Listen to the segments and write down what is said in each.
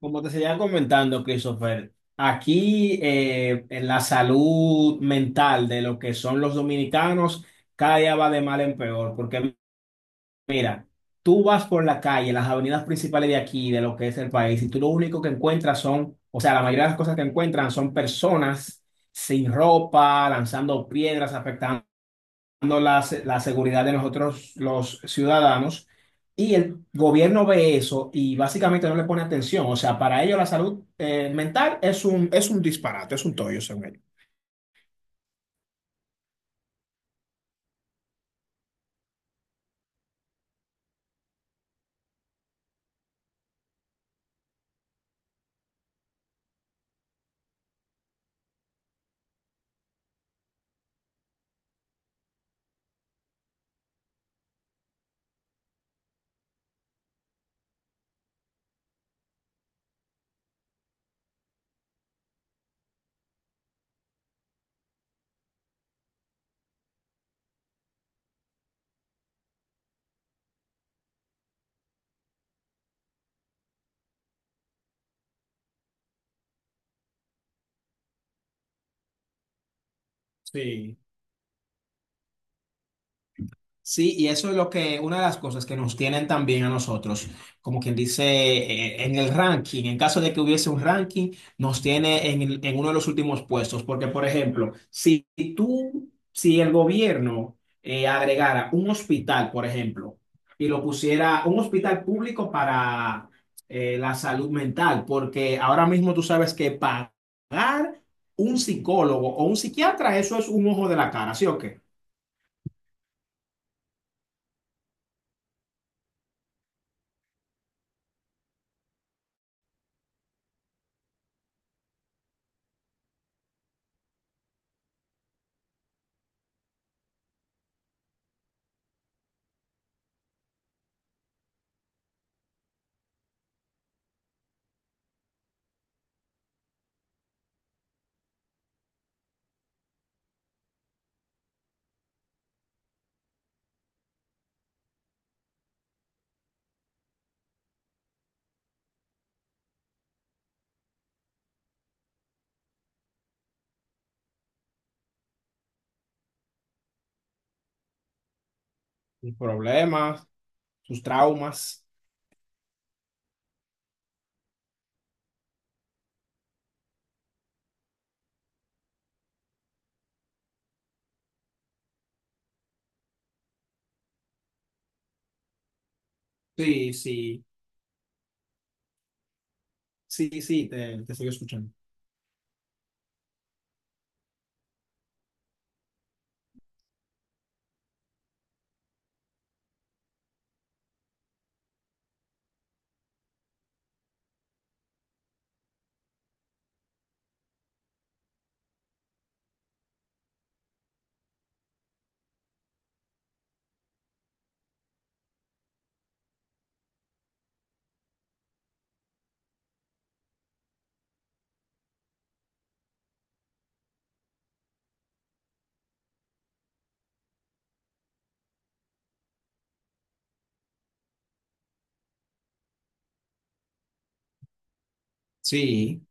Como te seguía comentando, Christopher, aquí en la salud mental de lo que son los dominicanos, cada día va de mal en peor, porque mira, tú vas por la calle, las avenidas principales de aquí, de lo que es el país, y tú lo único que encuentras son, o sea, la mayoría de las cosas que encuentran son personas sin ropa, lanzando piedras, afectando la seguridad de nosotros los ciudadanos y el gobierno ve eso y básicamente no le pone atención. O sea, para ellos la salud mental es es un disparate, es un tollo, según ellos. Sí. Sí, y eso es lo que, una de las cosas que nos tienen también a nosotros, como quien dice, en el ranking, en caso de que hubiese un ranking, nos tiene en, en uno de los últimos puestos, porque por ejemplo, si tú, si el gobierno agregara un hospital, por ejemplo, y lo pusiera un hospital público para la salud mental, porque ahora mismo tú sabes que pagar un psicólogo o un psiquiatra, eso es un ojo de la cara, ¿sí o qué? Un problema. Sus traumas. Sí, sí, sí, sí, te estoy escuchando. Sí.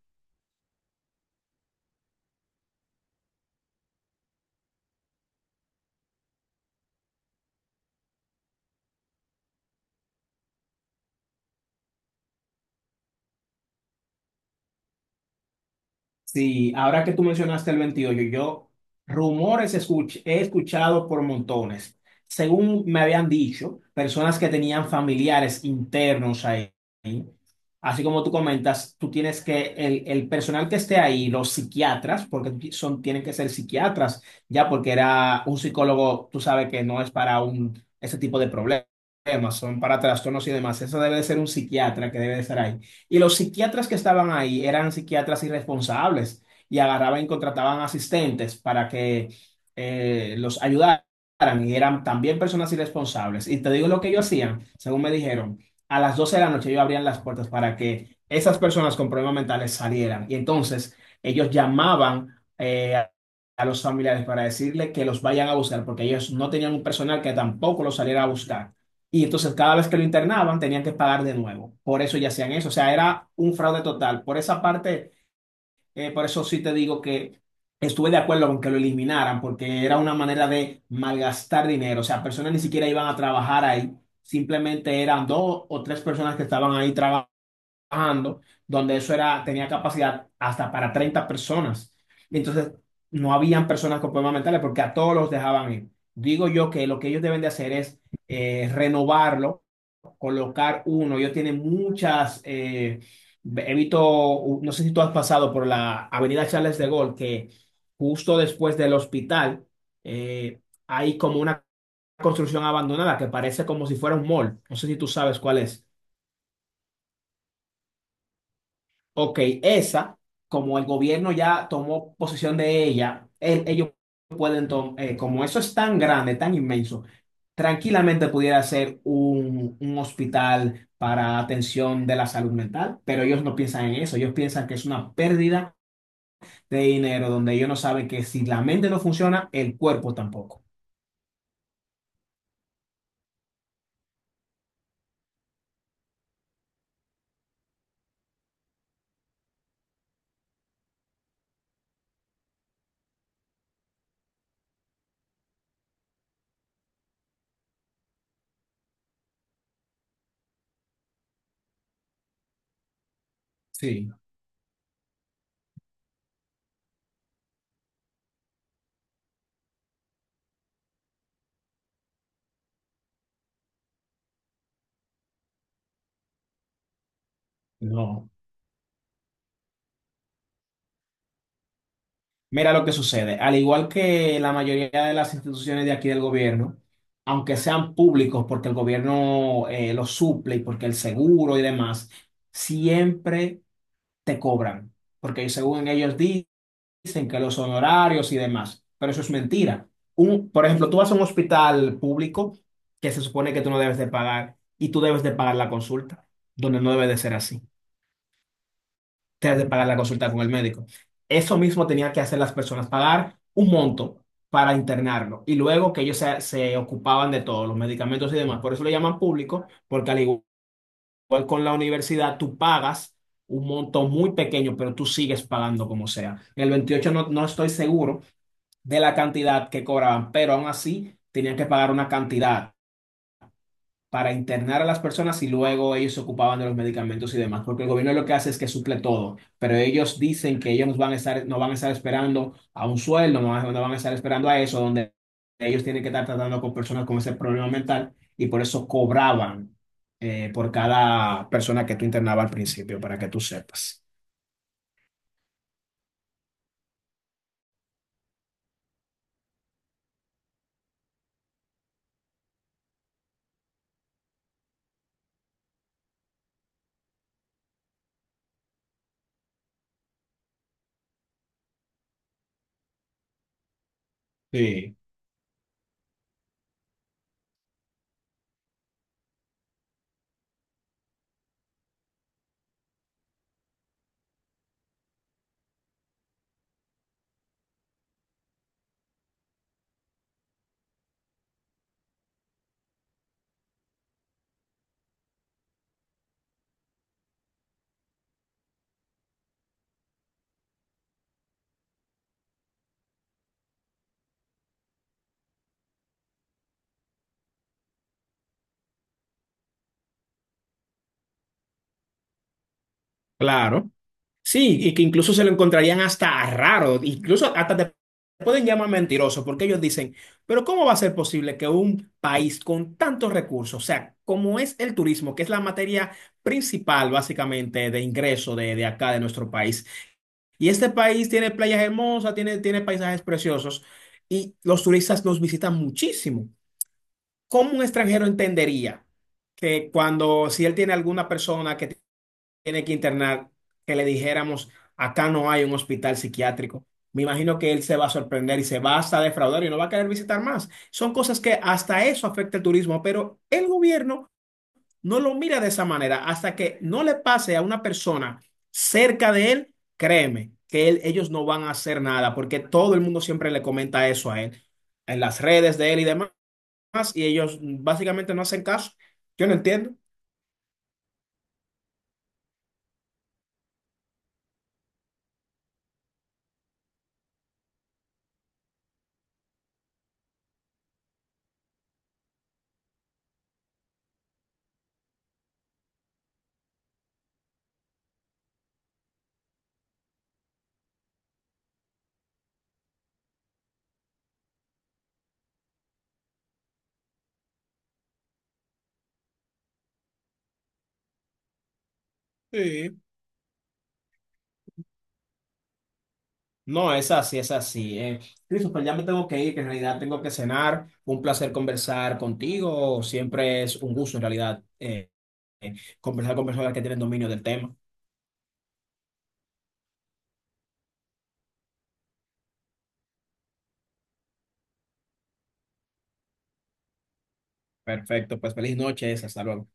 Sí, ahora que tú mencionaste el 28, yo he escuchado por montones. Según me habían dicho, personas que tenían familiares internos ahí, así como tú comentas, tú tienes que, el personal que esté ahí, los psiquiatras, porque son, tienen que ser psiquiatras, ya porque era un psicólogo, tú sabes que no es para ese tipo de problemas, son para trastornos y demás. Eso debe de ser un psiquiatra que debe de estar ahí. Y los psiquiatras que estaban ahí eran psiquiatras irresponsables y agarraban y contrataban asistentes para que los ayudaran y eran también personas irresponsables. Y te digo lo que ellos hacían, según me dijeron, a las 12 de la noche ellos abrían las puertas para que esas personas con problemas mentales salieran. Y entonces ellos llamaban a los familiares para decirle que los vayan a buscar porque ellos no tenían un personal que tampoco los saliera a buscar. Y entonces cada vez que lo internaban tenían que pagar de nuevo. Por eso ya hacían eso. O sea, era un fraude total. Por esa parte, por eso sí te digo que estuve de acuerdo con que lo eliminaran, porque era una manera de malgastar dinero. O sea, personas ni siquiera iban a trabajar ahí. Simplemente eran dos o tres personas que estaban ahí trabajando, donde eso era, tenía capacidad hasta para 30 personas. Entonces, no habían personas con problemas mentales porque a todos los dejaban ir. Digo yo que lo que ellos deben de hacer es renovarlo, colocar uno. Ellos tienen muchas, he visto, no sé si tú has pasado por la Avenida Charles de Gaulle, que justo después del hospital eh, hay como una construcción abandonada que parece como si fuera un mall. No sé si tú sabes cuál es. Ok, esa, como el gobierno ya tomó posesión de ella, ellos como eso es tan grande, tan inmenso, tranquilamente pudiera ser un hospital para atención de la salud mental, pero ellos no piensan en eso, ellos piensan que es una pérdida de dinero donde ellos no saben que si la mente no funciona, el cuerpo tampoco. Sí, no. Mira lo que sucede. Al igual que la mayoría de las instituciones de aquí del gobierno, aunque sean públicos porque el gobierno los suple y porque el seguro y demás, siempre te cobran. Porque según ellos dicen que los honorarios y demás, pero eso es mentira. Por ejemplo, tú vas a un hospital público que se supone que tú no debes de pagar y tú debes de pagar la consulta, donde no debe de ser así, te has de pagar la consulta con el médico. Eso mismo tenía que hacer las personas, pagar un monto para internarlo y luego que se ocupaban de todos los medicamentos y demás. Por eso lo llaman público, porque al igual con la universidad, tú pagas un monto muy pequeño, pero tú sigues pagando como sea. En el 28 no estoy seguro de la cantidad que cobraban, pero aún así tenían que pagar una cantidad para internar a las personas y luego ellos se ocupaban de los medicamentos y demás, porque el gobierno lo que hace es que suple todo, pero ellos dicen que ellos van a estar, no van a estar esperando a un sueldo, no van a estar esperando a eso, donde ellos tienen que estar tratando con personas con ese problema mental y por eso cobraban por cada persona que tú internabas al principio, para que tú sepas. Sí. Claro. Sí, y que incluso se lo encontrarían hasta raro, incluso hasta te pueden llamar mentiroso, porque ellos dicen, pero ¿cómo va a ser posible que un país con tantos recursos, o sea, como es el turismo, que es la materia principal básicamente de ingreso de acá, de nuestro país, y este país tiene playas hermosas, tiene paisajes preciosos, y los turistas nos visitan muchísimo, ¿cómo un extranjero entendería que cuando si él tiene alguna persona que tiene que internar, que le dijéramos, acá no hay un hospital psiquiátrico? Me imagino que él se va a sorprender y se va hasta a defraudar y no va a querer visitar más. Son cosas que hasta eso afecta el turismo, pero el gobierno no lo mira de esa manera. Hasta que no le pase a una persona cerca de él, créeme que ellos no van a hacer nada, porque todo el mundo siempre le comenta eso a él, en las redes de él y demás, y ellos básicamente no hacen caso. Yo no entiendo. Sí, no, es así, es así. Christopher, ya me tengo que ir, que en realidad tengo que cenar. Un placer conversar contigo. Siempre es un gusto, en realidad, eh, conversar con personas que tienen dominio del tema. Perfecto, pues feliz noches, hasta luego.